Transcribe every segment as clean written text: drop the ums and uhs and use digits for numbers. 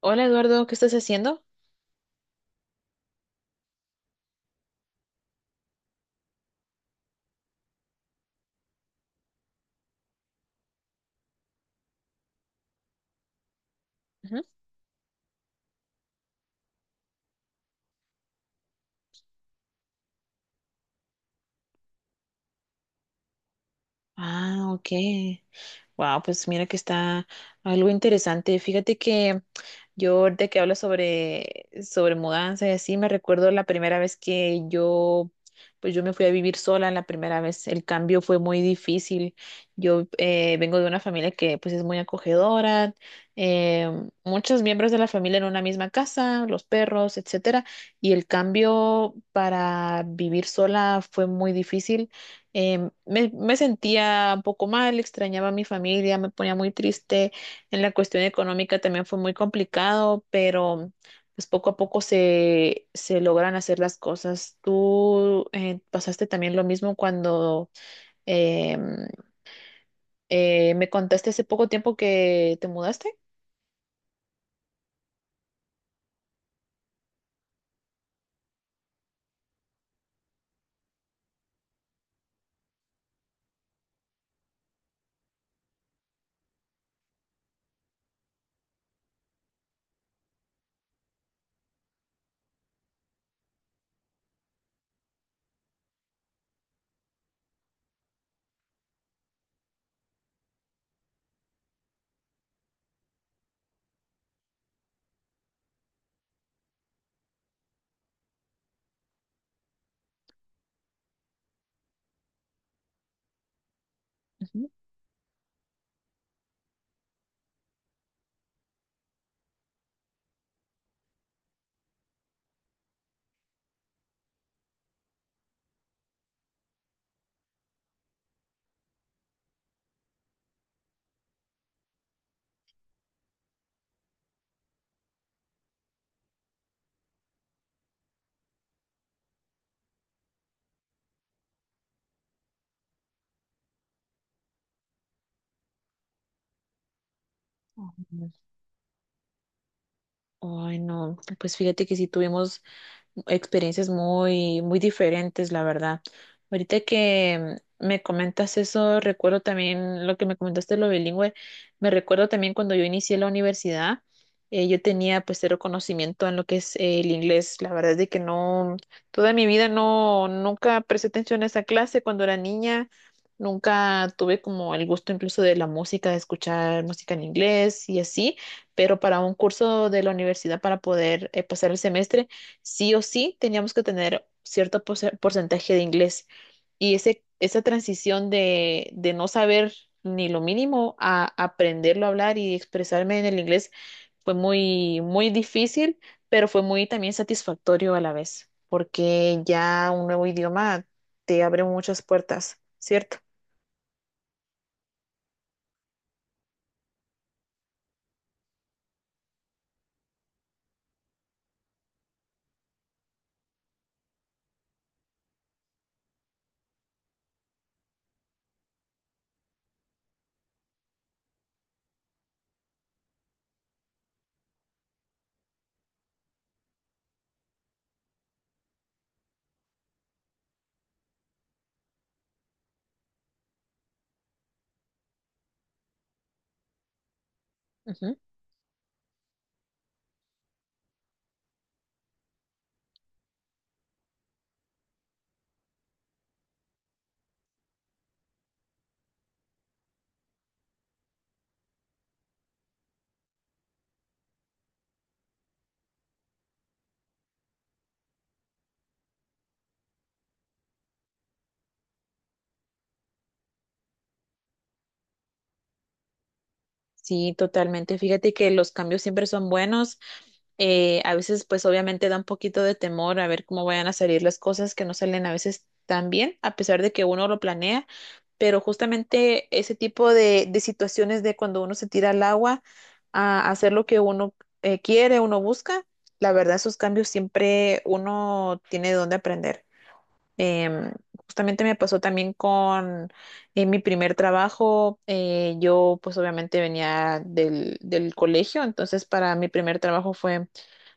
Hola Eduardo, ¿qué estás haciendo? Ujú. Ah, ok. Wow, pues mira que está algo interesante. Fíjate que yo ahorita que hablo sobre mudanza y así, me recuerdo la primera vez que yo, pues yo me fui a vivir sola la primera vez. El cambio fue muy difícil. Yo vengo de una familia que pues es muy acogedora, eh, muchos miembros de la familia en una misma casa, los perros, etcétera. Y el cambio para vivir sola fue muy difícil me sentía un poco mal, extrañaba a mi familia, me ponía muy triste. En la cuestión económica también fue muy complicado, pero pues poco a poco se logran hacer las cosas. ¿Tú pasaste también lo mismo cuando em, me contaste hace poco tiempo que te mudaste? Ujú. Ay, no, pues fíjate que sí tuvimos experiencias muy, muy diferentes, la verdad. Ahorita que me comentas eso, recuerdo también lo que me comentaste de lo bilingüe, me recuerdo también cuando yo inicié la universidad. Yo tenía pues cero conocimiento en lo que es el inglés. La verdad es de que no, toda mi vida no, nunca presté atención a esa clase cuando era niña. Nunca tuve como el gusto incluso de la música, de escuchar música en inglés y así, pero para un curso de la universidad, para poder pasar el semestre, sí o sí teníamos que tener cierto porcentaje de inglés. Y esa transición de no saber ni lo mínimo a aprenderlo a hablar y expresarme en el inglés fue muy, muy difícil, pero fue muy también satisfactorio a la vez, porque ya un nuevo idioma te abre muchas puertas, ¿cierto? Sí, totalmente. Fíjate que los cambios siempre son buenos. A veces, pues obviamente da un poquito de temor a ver cómo vayan a salir las cosas, que no salen a veces tan bien, a pesar de que uno lo planea, pero justamente ese tipo de situaciones de cuando uno se tira al agua a hacer lo que uno quiere, uno busca, la verdad, esos cambios siempre uno tiene de dónde aprender. Em, Justamente me pasó también con mi primer trabajo. Yo pues obviamente venía del colegio, entonces para mi primer trabajo fue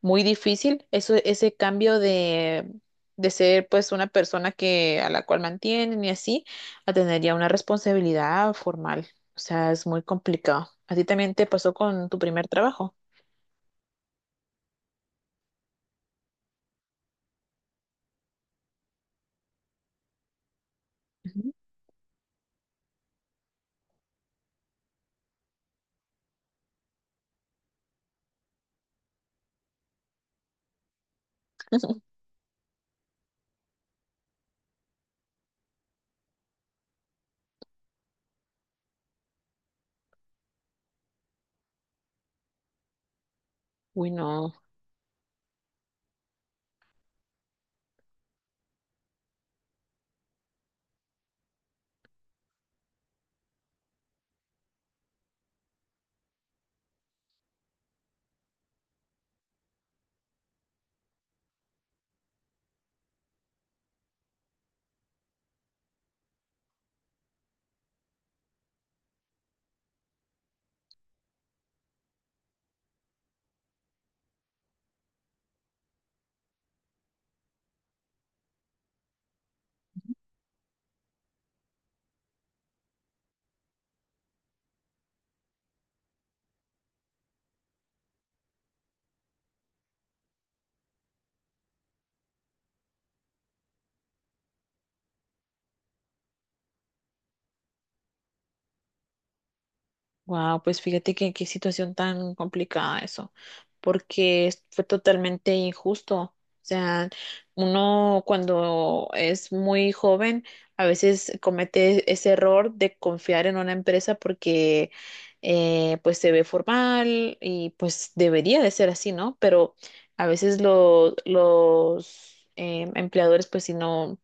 muy difícil. Eso, ese cambio de ser pues una persona que, a la cual mantienen y así, a tener ya una responsabilidad formal. O sea, es muy complicado. ¿A ti también te pasó con tu primer trabajo? Ujú. Uy, no. Wow, pues fíjate que qué situación tan complicada eso, porque fue totalmente injusto. O sea, uno cuando es muy joven a veces comete ese error de confiar en una empresa porque pues se ve formal y pues debería de ser así, ¿no? Pero a veces los empleadores pues si no,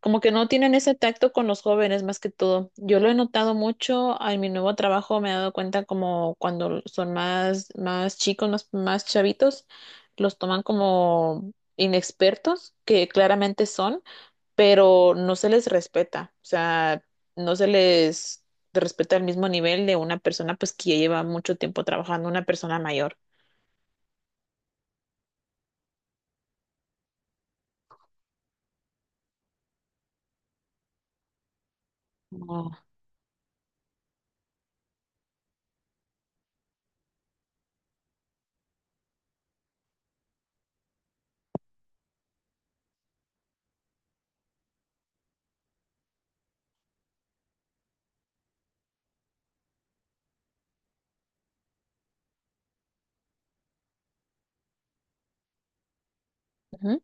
como que no tienen ese tacto con los jóvenes más que todo. Yo lo he notado mucho en mi nuevo trabajo, me he dado cuenta como cuando son más, más chicos, más, más chavitos, los toman como inexpertos, que claramente son, pero no se les respeta, o sea, no se les respeta al mismo nivel de una persona pues que ya lleva mucho tiempo trabajando, una persona mayor. Oh, ujú,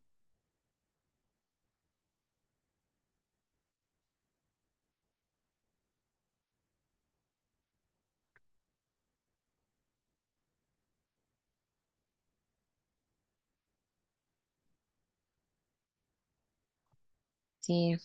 sí.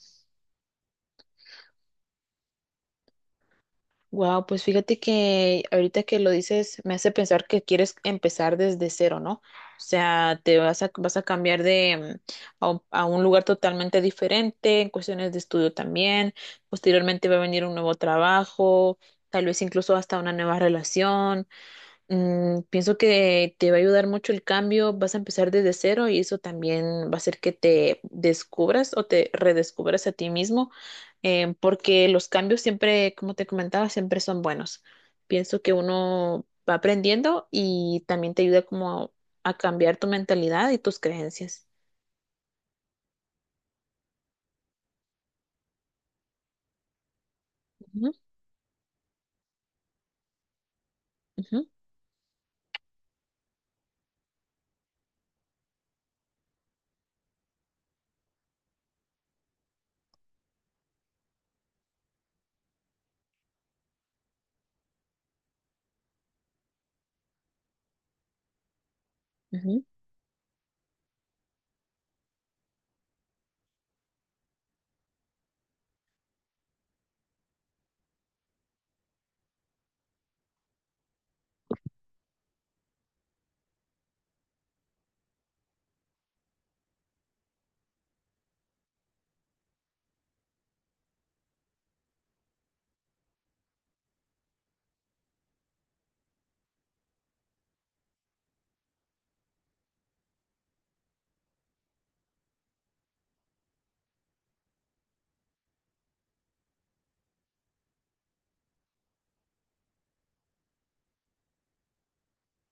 Wow, pues fíjate que ahorita que lo dices me hace pensar que quieres empezar desde cero, ¿no? O sea, te vas a, vas a cambiar de a un lugar totalmente diferente, en cuestiones de estudio también. Posteriormente va a venir un nuevo trabajo, tal vez incluso hasta una nueva relación. Mm, pienso que te va a ayudar mucho el cambio, vas a empezar desde cero y eso también va a hacer que te descubras o te redescubras a ti mismo, porque los cambios siempre, como te comentaba, siempre son buenos. Pienso que uno va aprendiendo y también te ayuda como a cambiar tu mentalidad y tus creencias. Ujú, ujú, ujú.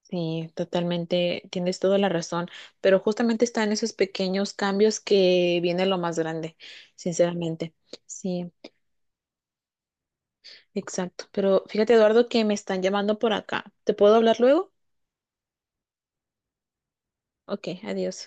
Sí, totalmente, tienes toda la razón, pero justamente está en esos pequeños cambios que viene lo más grande, sinceramente. Sí. Exacto. Pero fíjate, Eduardo, que me están llamando por acá. ¿Te puedo hablar luego? Ok, adiós.